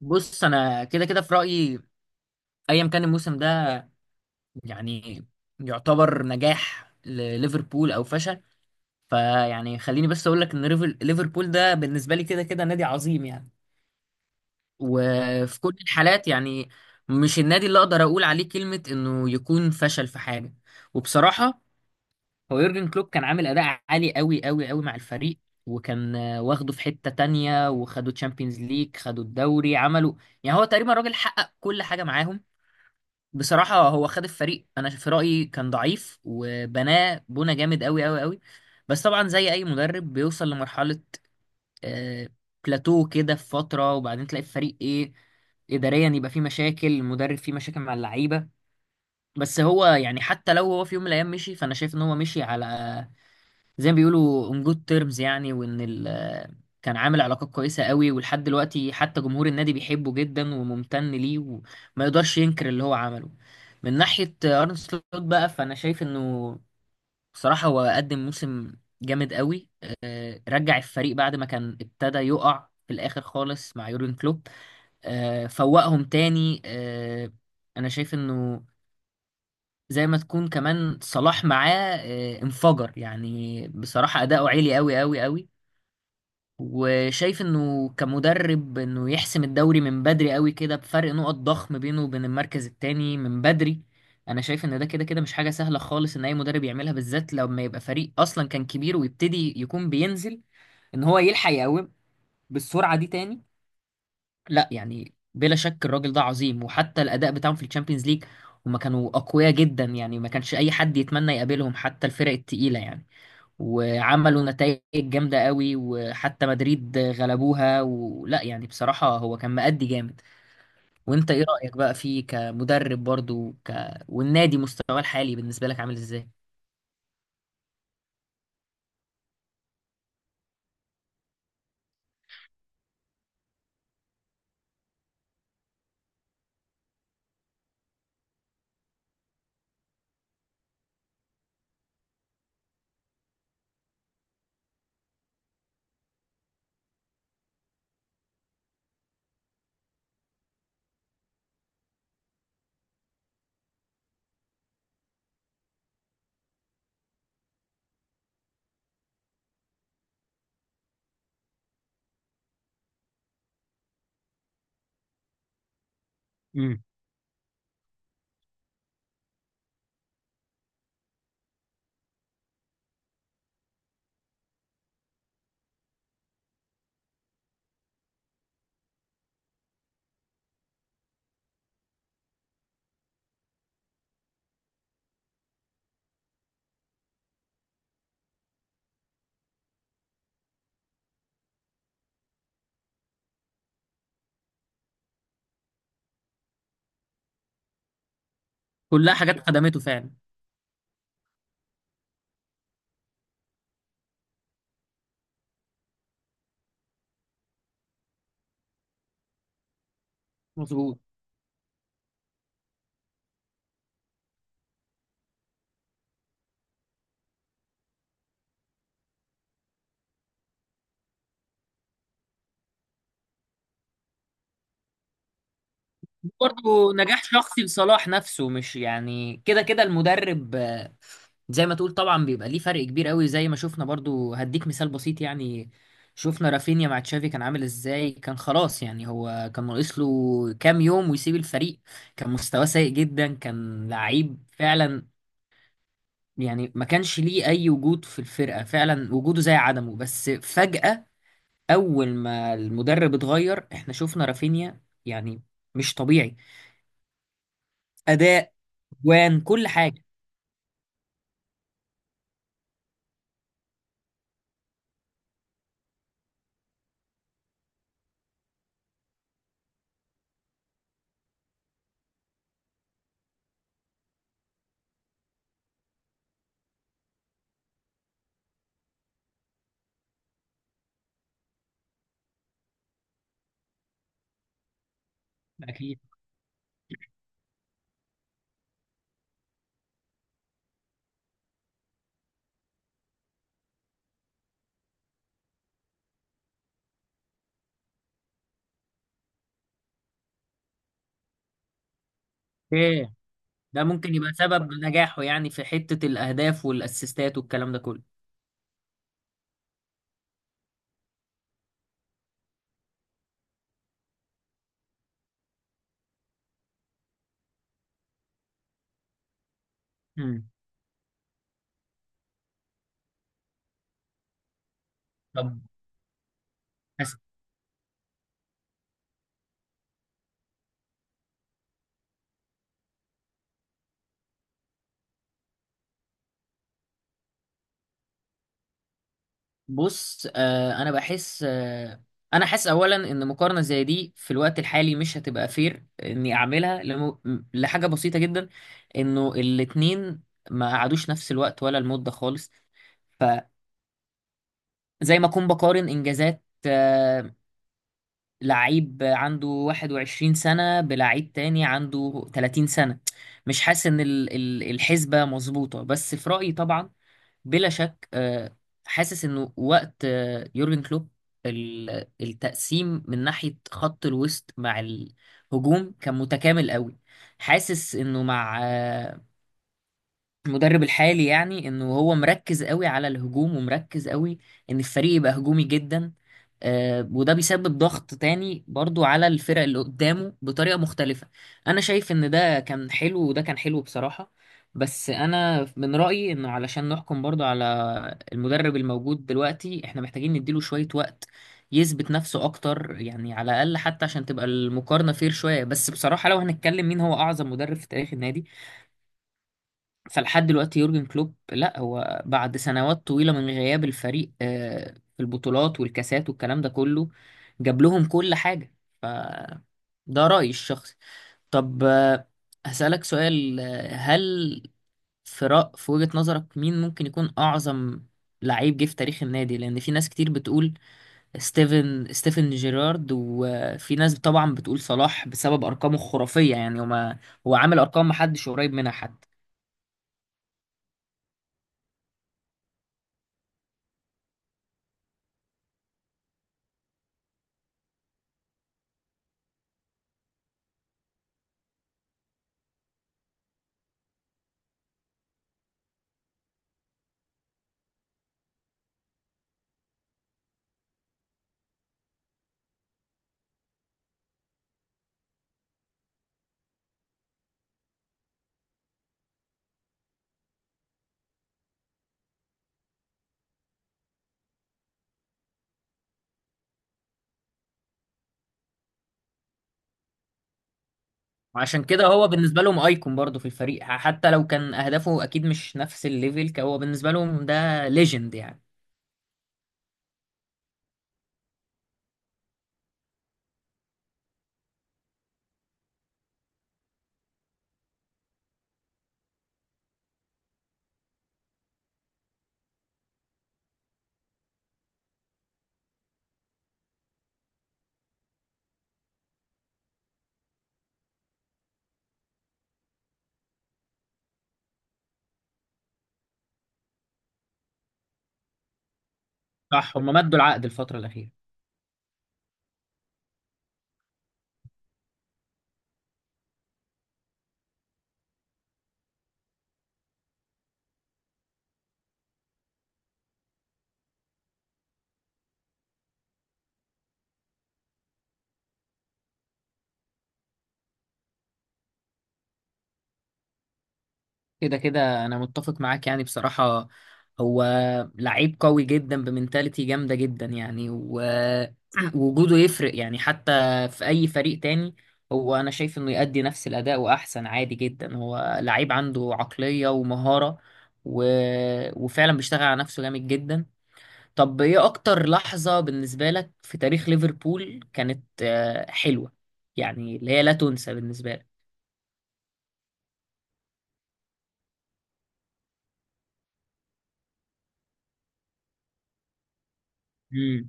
بص انا كده كده في رايي ايا كان الموسم ده يعني يعتبر نجاح لليفربول او فشل. فيعني خليني بس اقول لك ان ليفربول ده بالنسبه لي كده كده نادي عظيم يعني، وفي كل الحالات يعني مش النادي اللي اقدر اقول عليه كلمه انه يكون فشل في حاجه. وبصراحه هو يورجن كلوب كان عامل اداء عالي قوي قوي قوي مع الفريق، وكان واخده في حته تانية، وخدوا تشامبيونز ليج، خدوا الدوري، عملوا يعني هو تقريبا راجل حقق كل حاجه معاهم. بصراحة هو خد الفريق أنا في رأيي كان ضعيف وبناه بنى جامد أوي أوي أوي. بس طبعا زي أي مدرب بيوصل لمرحلة آه، بلاتو كده في فترة، وبعدين تلاقي الفريق إيه، إداريا يبقى فيه مشاكل، المدرب فيه مشاكل مع اللعيبة. بس هو يعني حتى لو هو في يوم من الأيام مشي، فأنا شايف إن هو مشي على زي ما بيقولوا on good terms يعني، وان ال كان عامل علاقات كويسة قوي، ولحد دلوقتي حتى جمهور النادي بيحبه جدا وممتن ليه، وما يقدرش ينكر اللي هو عمله. من ناحية أرن سلوت بقى فأنا شايف إنه بصراحة هو قدم موسم جامد قوي. رجع الفريق بعد ما كان ابتدى يقع في الآخر خالص مع يورجن كلوب، فوقهم تاني. أنا شايف إنه زي ما تكون كمان صلاح معاه انفجر، يعني بصراحة أداؤه عالي قوي قوي قوي. وشايف انه كمدرب انه يحسم الدوري من بدري قوي كده بفرق نقط ضخم بينه وبين المركز التاني من بدري. انا شايف ان ده كده كده مش حاجة سهلة خالص ان اي مدرب يعملها، بالذات لما يبقى فريق اصلا كان كبير ويبتدي يكون بينزل، ان هو يلحق يقوم بالسرعة دي تاني. لا يعني بلا شك الراجل ده عظيم، وحتى الاداء بتاعهم في الشامبيونز ليج هما كانوا اقوياء جدا يعني، ما كانش اي حد يتمنى يقابلهم حتى الفرق التقيله يعني. وعملوا نتائج جامده قوي، وحتى مدريد غلبوها، ولا يعني بصراحه هو كان مأدي جامد. وانت ايه رأيك بقى فيه كمدرب برضو والنادي مستواه الحالي بالنسبه لك عامل ازاي؟ امم. كلها حاجات خدمته فعلا. مظبوط. برضه نجاح شخصي لصلاح نفسه، مش يعني كده كده المدرب. زي ما تقول طبعا بيبقى ليه فرق كبير قوي، زي ما شفنا برضه. هديك مثال بسيط يعني، شفنا رافينيا مع تشافي كان عامل ازاي، كان خلاص يعني، هو كان ناقص له كام يوم ويسيب الفريق، كان مستواه سيء جدا، كان لعيب فعلا يعني، ما كانش ليه اي وجود في الفرقة فعلا، وجوده زي عدمه. بس فجأة اول ما المدرب اتغير احنا شفنا رافينيا يعني مش طبيعي، اداء جوان كل حاجه. اكيد. ايه ده؟ ممكن يبقى سبب نجاحه يعني في حته الاهداف والاسيستات والكلام ده كله. امم. طب بس- بص انا بحس. انا حاسس اولا ان مقارنه زي دي في الوقت الحالي مش هتبقى فير اني اعملها لم... لحاجه بسيطه جدا، انه الاتنين ما قعدوش نفس الوقت ولا المده خالص. فزي ما اكون بقارن انجازات لعيب عنده 21 سنة بلعيب تاني عنده 30 سنة، مش حاسس ان الحسبة مظبوطة، بس في رأيي طبعا. بلا شك حاسس انه وقت يورجن كلوب التقسيم من ناحية خط الوسط مع الهجوم كان متكامل قوي. حاسس انه مع المدرب الحالي يعني انه هو مركز قوي على الهجوم، ومركز قوي ان الفريق يبقى هجومي جدا. وده بيسبب ضغط تاني برضو على الفرق اللي قدامه بطريقة مختلفة. انا شايف ان ده كان حلو وده كان حلو بصراحة. بس انا من رأيي انه علشان نحكم برضو على المدرب الموجود دلوقتي احنا محتاجين نديله شوية وقت يثبت نفسه اكتر، يعني على الاقل حتى عشان تبقى المقارنة فير شوية. بس بصراحة لو هنتكلم مين هو اعظم مدرب في تاريخ النادي، فلحد دلوقتي يورجن كلوب، لا هو بعد سنوات طويلة من غياب الفريق في البطولات والكاسات والكلام ده كله جاب لهم كل حاجة. ف ده رأيي الشخصي. طب هسألك سؤال. هل في في وجهة نظرك مين ممكن يكون أعظم لعيب جه في تاريخ النادي؟ لأن في ناس كتير بتقول ستيفن جيرارد، وفي ناس طبعا بتقول صلاح بسبب أرقامه الخرافية، يعني هو ما... هو عامل أرقام محدش قريب منها حتى. وعشان كده هو بالنسبة لهم ايكون برضه في الفريق، حتى لو كان اهدافه اكيد مش نفس الليفل، هو بالنسبة لهم ده ليجند يعني. صح، هم مدوا العقد الفترة الأخيرة. كده كده انا متفق معاك يعني بصراحة. هو لعيب قوي جدا بمنتاليتي جامدة جدا يعني، ووجوده يفرق يعني حتى في اي فريق تاني، هو انا شايف انه يؤدي نفس الاداء واحسن عادي جدا. هو لعيب عنده عقلية ومهارة و... وفعلا بيشتغل على نفسه جامد جدا. طب ايه اكتر لحظة بالنسبة لك في تاريخ ليفربول كانت حلوة يعني اللي هي لا تنسى بالنسبة لك؟